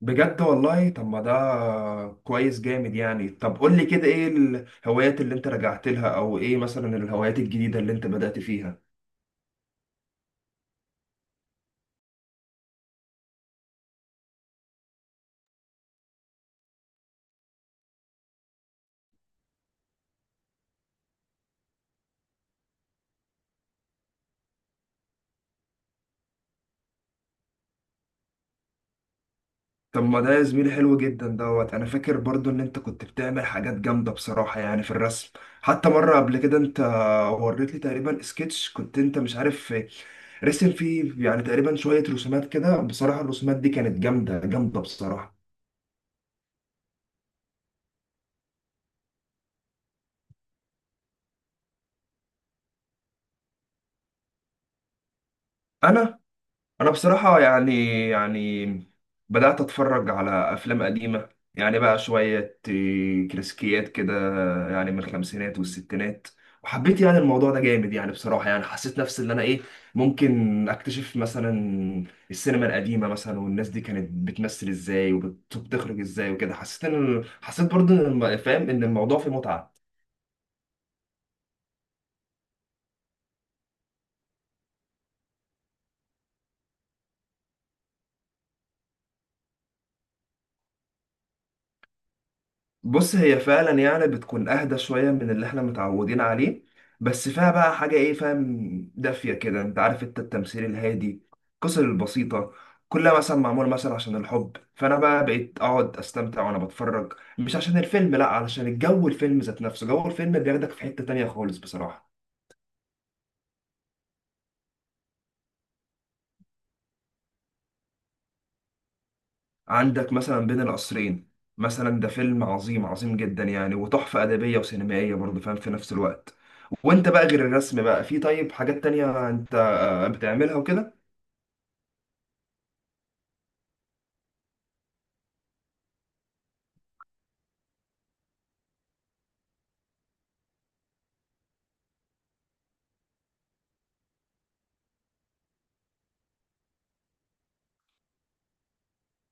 بجد والله. طب ما ده كويس جامد يعني. طب قول لي كده، ايه الهوايات اللي انت رجعت لها، او ايه مثلا الهوايات الجديدة اللي انت بدأت فيها؟ طب ما ده يا زميلي حلو جدا. دوت انا فاكر برضو ان انت كنت بتعمل حاجات جامدة بصراحة يعني في الرسم. حتى مرة قبل كده انت وريت لي تقريبا سكتش، كنت انت مش عارف رسم فيه يعني تقريبا شوية رسومات كده، بصراحة الرسومات دي كانت جامدة جامدة بصراحة. انا انا بصراحه يعني بدات اتفرج على افلام قديمه. يعني بقى شويه كلاسيكيات كده، يعني من الخمسينات والستينات. وحبيت يعني الموضوع ده جامد يعني بصراحه. يعني حسيت نفسي ان انا ايه، ممكن اكتشف مثلا السينما القديمه مثلا، والناس دي كانت بتمثل ازاي وبتخرج ازاي وكده. حسيت برضه إن فاهم ان الموضوع فيه متعه. بص هي فعلا يعني بتكون اهدى شويه من اللي احنا متعودين عليه، بس فيها بقى حاجه ايه فاهم، دافيه كده، انت عارف، انت التمثيل الهادي، القصص البسيطه، كلها مثلا معمول مثلا عشان الحب. فانا بقى بقيت اقعد استمتع وانا بتفرج، مش عشان الفيلم، لا، علشان الجو، الفيلم ذات نفسه جو الفيلم بياخدك في حته تانية خالص بصراحه. عندك مثلا بين القصرين مثلا، ده فيلم عظيم عظيم جدا يعني، وتحفة أدبية وسينمائية برضه فاهم في نفس الوقت. وانت بقى غير الرسم بقى، في طيب حاجات تانية انت بتعملها وكده؟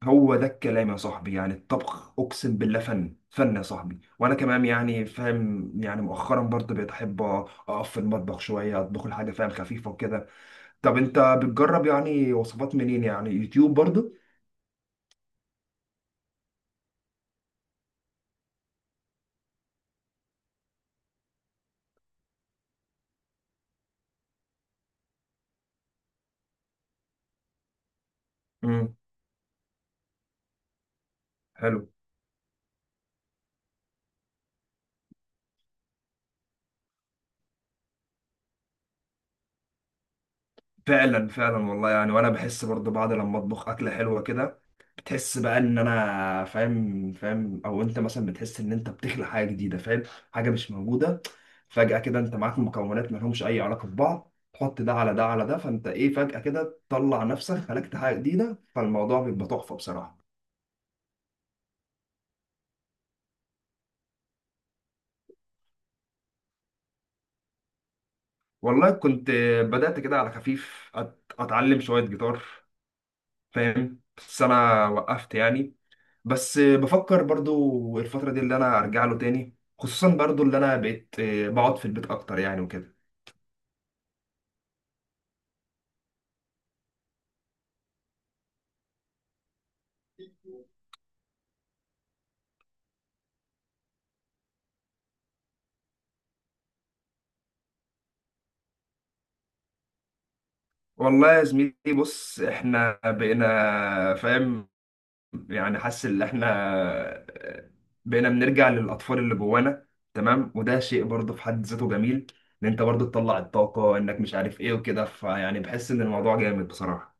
هو ده الكلام يا صاحبي. يعني الطبخ أقسم بالله فن فن يا صاحبي. وأنا كمان يعني فاهم، يعني مؤخرا برضه بقيت أحب أقف في المطبخ شوية أطبخ الحاجة فاهم خفيفة وكده. طب أنت بتجرب يعني وصفات منين؟ يعني يوتيوب برضه؟ امم. فعلا فعلا والله يعني. وانا بحس برضه بعد لما اطبخ اكله حلوه كده، بتحس بقى ان انا فاهم او انت مثلا بتحس ان انت بتخلق حاجه جديده فاهم، حاجه مش موجوده. فجاه كده انت معاك مكونات ما لهمش اي علاقه ببعض، تحط ده على ده على ده، فانت ايه فجاه كده تطلع نفسك خلقت حاجه جديده، فالموضوع بيبقى تحفه بصراحه. والله كنت بدات كده على خفيف اتعلم شويه جيتار فاهم، بس انا وقفت يعني. بس بفكر برضو الفترة دي اللي أنا أرجع له تاني، خصوصا برضو اللي أنا بقيت بقعد في البيت أكتر يعني وكده. والله يا زميلي، بص إحنا بقينا فاهم، يعني حاسس إن إحنا آه، بقينا بنرجع للأطفال اللي جوانا. تمام. وده شيء برضو في حد ذاته جميل، إن أنت برضو تطلع الطاقة إنك مش عارف إيه وكده، فيعني بحس إن الموضوع جامد بصراحة.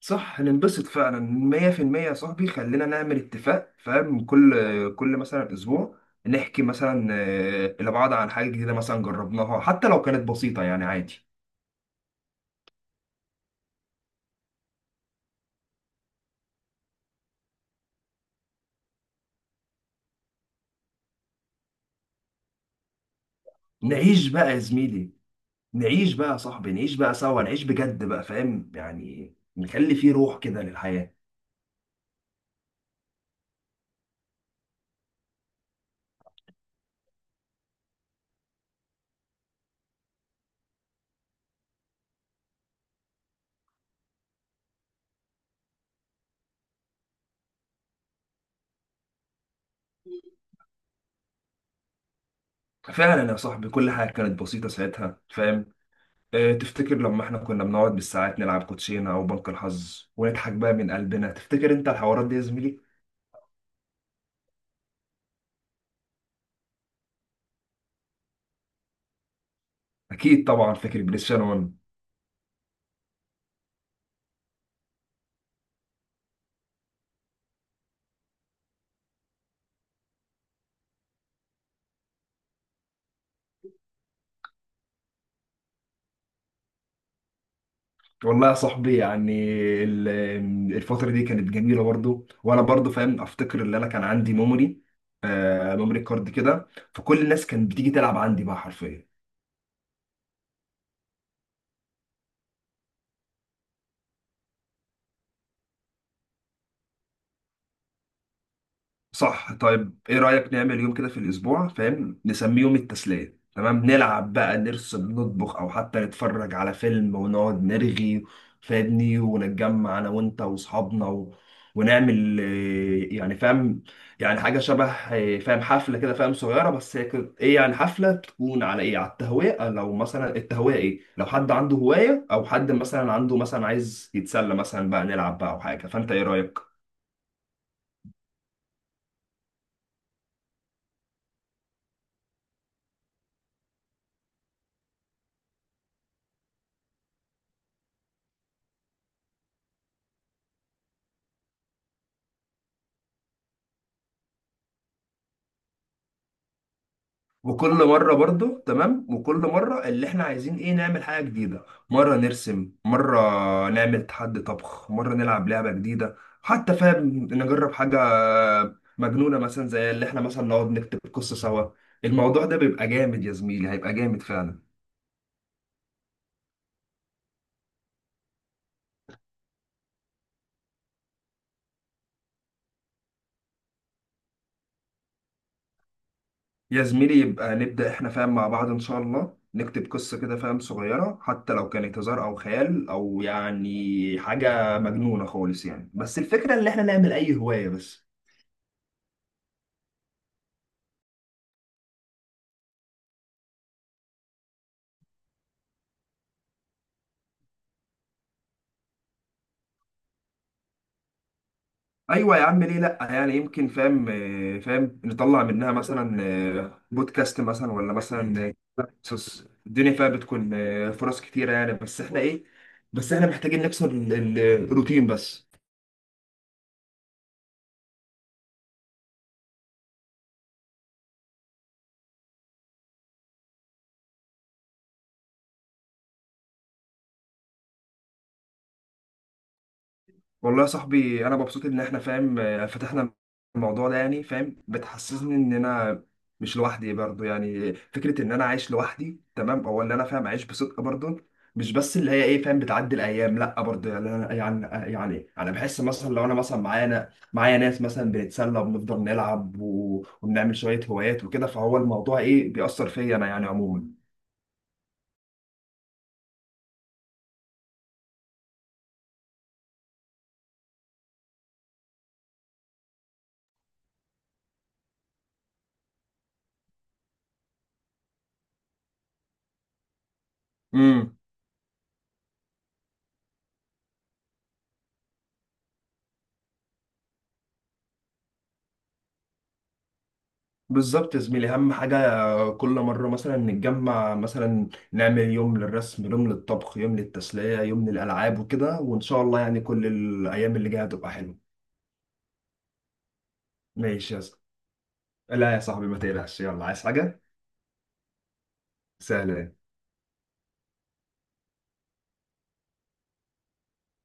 صح، ننبسط فعلا 100% يا صاحبي. خلينا نعمل اتفاق فاهم، كل مثلا اسبوع نحكي مثلا لبعض عن حاجه جديده مثلا جربناها، حتى لو كانت بسيطه يعني عادي. نعيش بقى يا زميلي، نعيش بقى يا صاحبي، نعيش بقى سوا، نعيش بجد بقى فاهم، يعني نخلي فيه روح كده للحياه. فعلا يا صاحبي، كل حاجه كانت بسيطه ساعتها فاهم. تفتكر لما احنا كنا بنقعد بالساعات نلعب كوتشينه او بنك الحظ ونضحك بقى من قلبنا؟ تفتكر انت الحوارات دي يا زميلي؟ اكيد طبعا فاكر بلاي ستيشن 1. والله يا صاحبي يعني ال- الفتره دي كانت جميله برضو. وانا برضو فاهم افتكر ان انا كان عندي ميموري كارد كده، فكل الناس كانت بتيجي تلعب عندي بقى حرفيا. صح. طيب ايه رأيك نعمل يوم كده في الاسبوع فاهم، نسميه يوم التسلية؟ تمام، نلعب بقى، نرسم، نطبخ، او حتى نتفرج على فيلم ونقعد نرغي فاهمني، ونتجمع انا وانت واصحابنا ونعمل يعني فاهم، يعني حاجة شبه فاهم حفلة كده فاهم صغيرة. بس هي ايه يعني، حفلة تكون على ايه، على التهوية. لو مثلا التهوية ايه، لو حد عنده هواية او حد مثلا عنده مثلا عايز يتسلى مثلا بقى نلعب بقى او حاجة. فانت ايه رأيك؟ وكل مره برضو تمام، وكل مره اللي احنا عايزين ايه، نعمل حاجه جديده، مره نرسم، مره نعمل تحدي طبخ، مره نلعب لعبه جديده، حتى فاهم نجرب حاجه مجنونه مثلا، زي اللي احنا مثلا نقعد نكتب قصه سوا. الموضوع ده بيبقى جامد يا زميلي، هيبقى جامد فعلا. يا زميلي يبقى نبدا احنا فاهم مع بعض ان شاء الله، نكتب قصه كده فاهم صغيره، حتى لو كانت هزار او خيال او يعني حاجه مجنونه خالص يعني، بس الفكره ان احنا نعمل اي هوايه بس. ايوه يا عم، ليه لا يعني. يمكن فاهم فاهم نطلع منها مثلا بودكاست مثلا، ولا مثلا قصص. الدنيا فيها بتكون فرص كتيره يعني. بس احنا ايه، بس احنا محتاجين نكسر الروتين بس. والله يا صاحبي، انا مبسوط ان احنا فاهم فتحنا الموضوع ده. يعني فاهم بتحسسني ان انا مش لوحدي برضو، يعني فكره ان انا عايش لوحدي تمام، او ان انا فاهم عايش بصدق برضو، مش بس اللي هي ايه فاهم بتعدي الايام، لا. برضو يعني انا يعني انا بحس مثلا لو انا مثلا معانا معايا ناس مثلا بنتسلى وبنفضل نلعب وبنعمل شويه هوايات وكده، فهو الموضوع ايه بيأثر فيا انا يعني عموما. بالظبط يا زميلي. اهم حاجه كل مره مثلا نتجمع، مثلا نعمل يوم للرسم، يوم للطبخ، يوم للتسليه، يوم للالعاب وكده. وان شاء الله يعني كل الايام اللي جايه هتبقى حلوه. ماشي يا صاحبي. لا يا صاحبي ما تقلقش. يلا، عايز حاجه؟ سهله.